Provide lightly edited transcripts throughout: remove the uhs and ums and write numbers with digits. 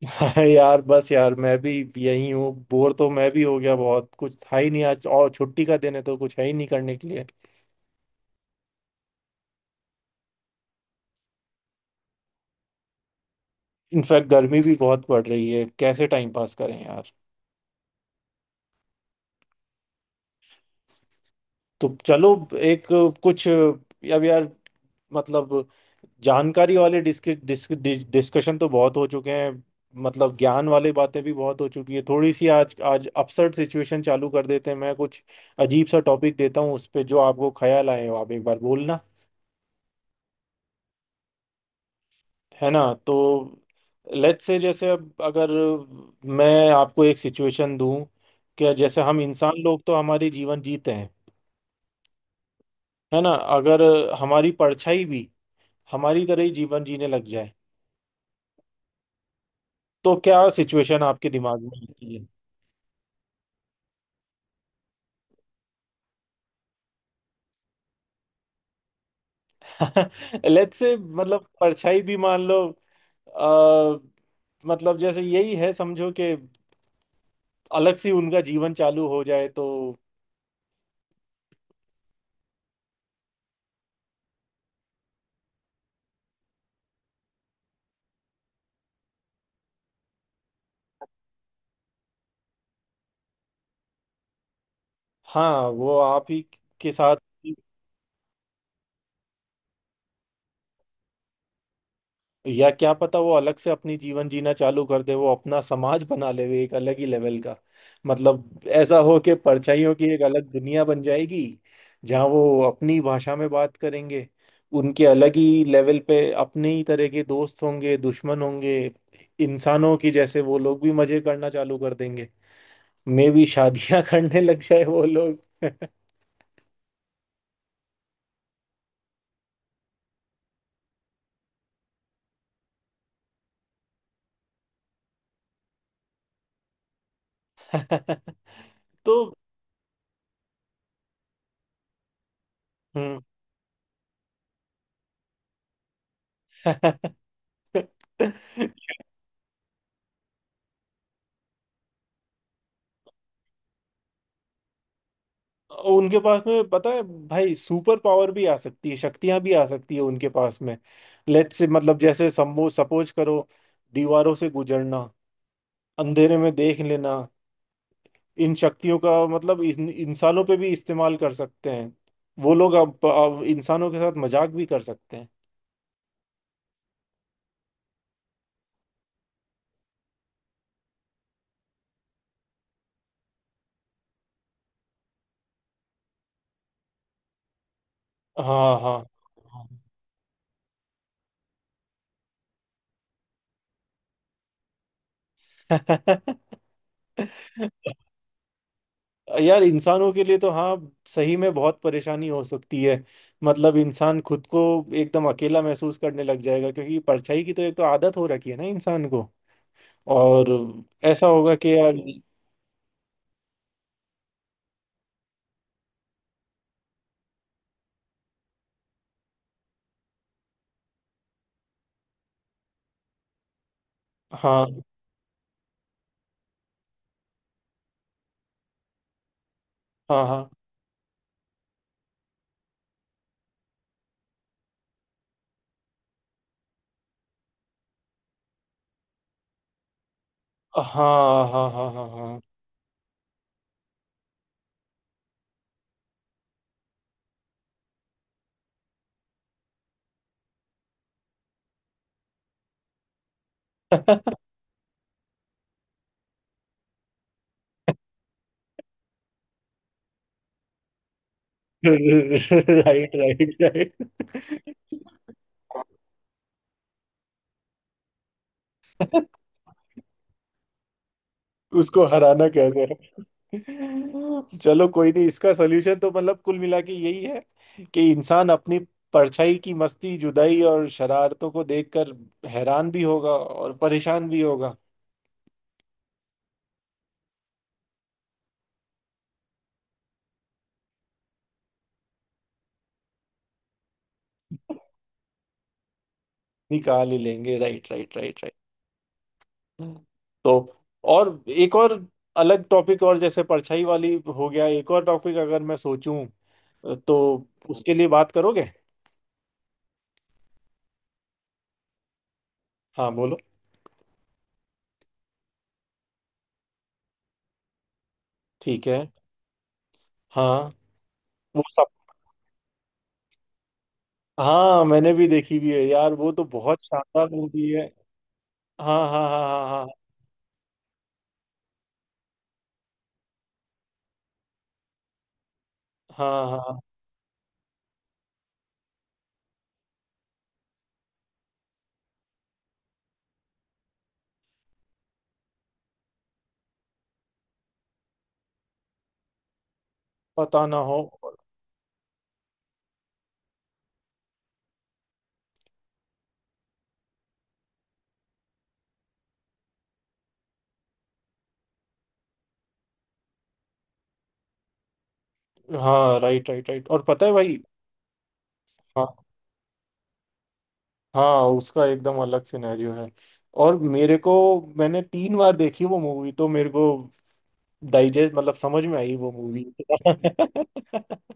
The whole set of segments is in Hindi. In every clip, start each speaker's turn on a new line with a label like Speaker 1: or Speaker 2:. Speaker 1: हाँ यार, बस यार, मैं भी यही हूँ। बोर तो मैं भी हो गया, बहुत कुछ था ही नहीं आज, और छुट्टी का दिन है तो कुछ है ही नहीं करने के लिए। इनफैक्ट गर्मी भी बहुत पड़ रही है, कैसे टाइम पास करें यार? तो चलो, एक कुछ अब यार, मतलब जानकारी वाले डिस्क, डिस्क, डिस, डिस्कशन तो बहुत हो चुके हैं, मतलब ज्ञान वाले बातें भी बहुत हो चुकी है। थोड़ी सी आज आज अपसर्ड सिचुएशन चालू कर देते हैं। मैं कुछ अजीब सा टॉपिक देता हूँ, उस पे जो आपको ख्याल आए हो आप एक बार बोलना, है ना? तो लेट्स से जैसे, अब अगर मैं आपको एक सिचुएशन दूं कि जैसे हम इंसान लोग तो हमारी जीवन जीते हैं, है ना? अगर हमारी परछाई भी हमारी तरह ही जीवन जीने लग जाए, तो क्या सिचुएशन आपके दिमाग में आती है? लेट्स से, मतलब परछाई भी मान लो अ, मतलब जैसे यही है समझो कि अलग से उनका जीवन चालू हो जाए तो। हाँ, वो आप ही के साथ। या क्या पता वो अलग से अपनी जीवन जीना चालू कर दे, वो अपना समाज बना ले, वो एक अलग ही लेवल का। मतलब ऐसा हो कि परछाइयों की एक अलग दुनिया बन जाएगी, जहाँ वो अपनी भाषा में बात करेंगे, उनके अलग ही लेवल पे अपने ही तरह के दोस्त होंगे, दुश्मन होंगे। इंसानों की जैसे वो लोग भी मजे करना चालू कर देंगे, मे भी शादियां करने लग जाए वो लोग। तो हम्म। उनके पास में पता है भाई, सुपर पावर भी आ सकती है, शक्तियां भी आ सकती है उनके पास में। लेट्स से, मतलब जैसे समो सपोज करो, दीवारों से गुजरना, अंधेरे में देख लेना, इन शक्तियों का मतलब इंसानों पे भी इस्तेमाल कर सकते हैं। वो लोग अब इंसानों के साथ मजाक भी कर सकते हैं। हाँ हाँ। हाँ। यार इंसानों के लिए तो हाँ, सही में बहुत परेशानी हो सकती है। मतलब इंसान खुद को एकदम अकेला महसूस करने लग जाएगा, क्योंकि परछाई की तो एक तो आदत हो रखी है ना इंसान को। और ऐसा होगा कि यार, हाँ हाँ हाँ हाँ हाँ हाँ हाँ हाँ। Right right right. उसको हराना कैसे है? चलो कोई नहीं, इसका सोल्यूशन तो मतलब कुल मिला के यही है कि इंसान अपनी परछाई की मस्ती, जुदाई और शरारतों को देखकर हैरान भी होगा और परेशान भी होगा। निकाल ही लेंगे, राइट राइट राइट राइट। तो और एक और अलग टॉपिक, और जैसे परछाई वाली हो गया, एक और टॉपिक अगर मैं सोचूं तो उसके लिए बात करोगे? हाँ बोलो। ठीक है। हाँ वो, हाँ मैंने भी देखी भी है यार, वो तो बहुत शानदार मूवी है। हाँ हाँ हाँ हाँ, हाँ हाँ हाँ हाँ, पता ना हो। हाँ राइट राइट राइट, और पता है भाई। हाँ, हाँ उसका एकदम अलग सिनेरियो है। और मेरे को, मैंने 3 बार देखी वो मूवी, तो मेरे को डाइजेस्ट मतलब समझ में आई वो मूवी।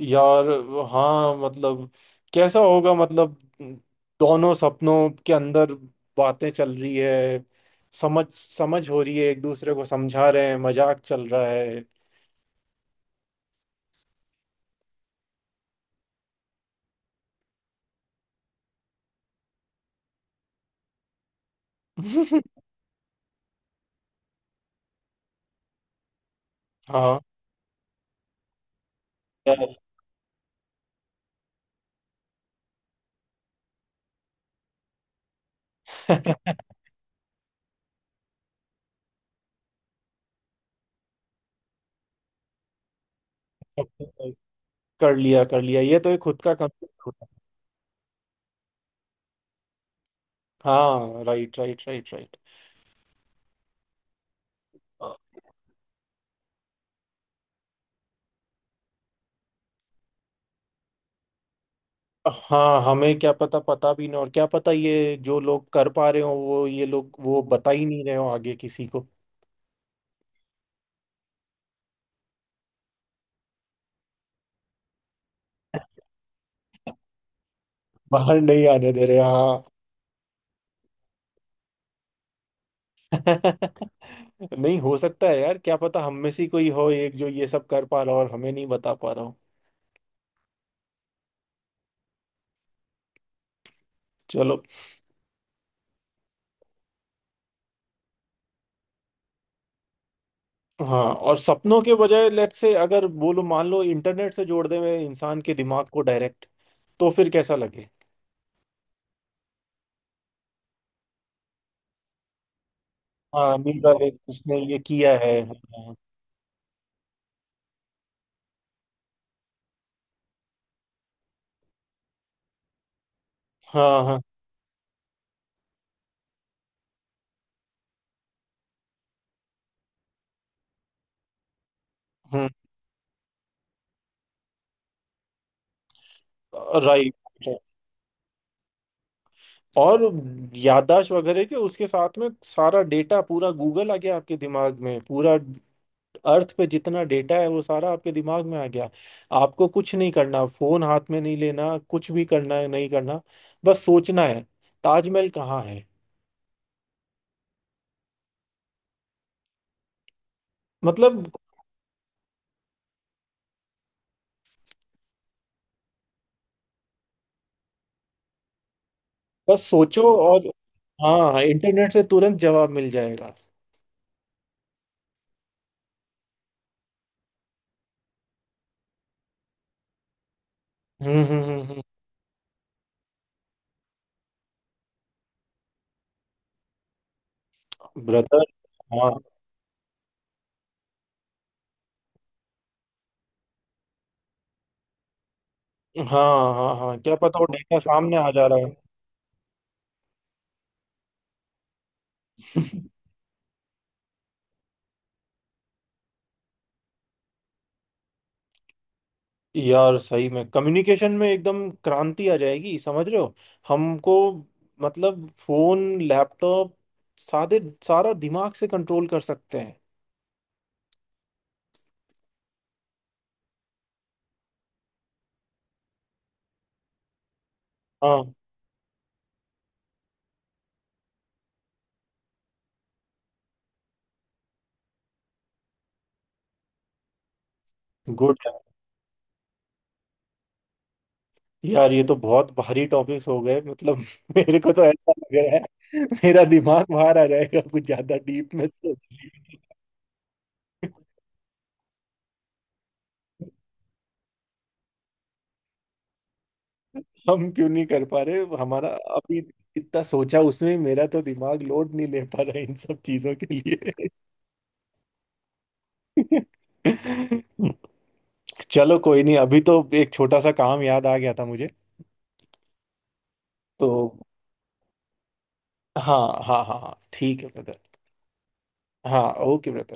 Speaker 1: यार, हाँ मतलब कैसा होगा? मतलब दोनों सपनों के अंदर बातें चल रही है, समझ समझ हो रही है, एक दूसरे को समझा रहे हैं, मजाक चल रहा है। हाँ यार, कर लिया कर लिया, ये तो एक खुद का कंसेप्ट होता है। हाँ राइट राइट राइट राइट। हाँ, हमें क्या पता, पता भी नहीं, और क्या पता ये जो लोग कर पा रहे हो वो, ये लोग वो बता ही नहीं रहे हो आगे किसी को। बाहर नहीं आने दे रहे, हाँ। नहीं, हो सकता है यार, क्या पता हम में से ही कोई हो एक जो ये सब कर पा रहा हो और हमें नहीं बता पा रहा हो। चलो। हाँ, और सपनों के बजाय लेट्स से अगर बोलो मान लो इंटरनेट से जोड़ दे मैं इंसान के दिमाग को डायरेक्ट, तो फिर कैसा लगे? हाँ मीरा ने उसने ये किया है। हाँ हाँ हाँ, हम्म राइट। और याददाश्त वगैरह के उसके साथ में सारा डेटा पूरा गूगल आ गया आपके दिमाग में, पूरा अर्थ पे जितना डेटा है वो सारा आपके दिमाग में आ गया। आपको कुछ नहीं करना, फोन हाथ में नहीं लेना, कुछ भी करना है नहीं करना, बस सोचना है, ताजमहल कहाँ है। मतलब बस सोचो और। हाँ, इंटरनेट से तुरंत जवाब मिल जाएगा। हम्म, ब्रदर। हाँ हाँ हाँ हाँ, क्या पता वो डेटा सामने आ जा रहा है। यार सही में कम्युनिकेशन में एकदम क्रांति आ जाएगी, समझ रहे हो हमको? मतलब फोन, लैपटॉप, सादे सारा दिमाग से कंट्रोल कर सकते हैं। हाँ। गुड। यार ये तो बहुत भारी टॉपिक्स हो गए मतलब, मेरे को तो ऐसा लग रहा है मेरा दिमाग बाहर आ जाएगा, कुछ ज्यादा डीप में सोच लिया। हम क्यों नहीं कर पा रहे, हमारा अभी इतना सोचा उसमें मेरा तो दिमाग लोड नहीं ले पा रहा है इन सब चीजों के लिए। चलो कोई नहीं, अभी तो एक छोटा सा काम याद आ गया था मुझे। तो हाँ हाँ हाँ हाँ, ठीक है ब्रदर। हाँ ओके ब्रदर।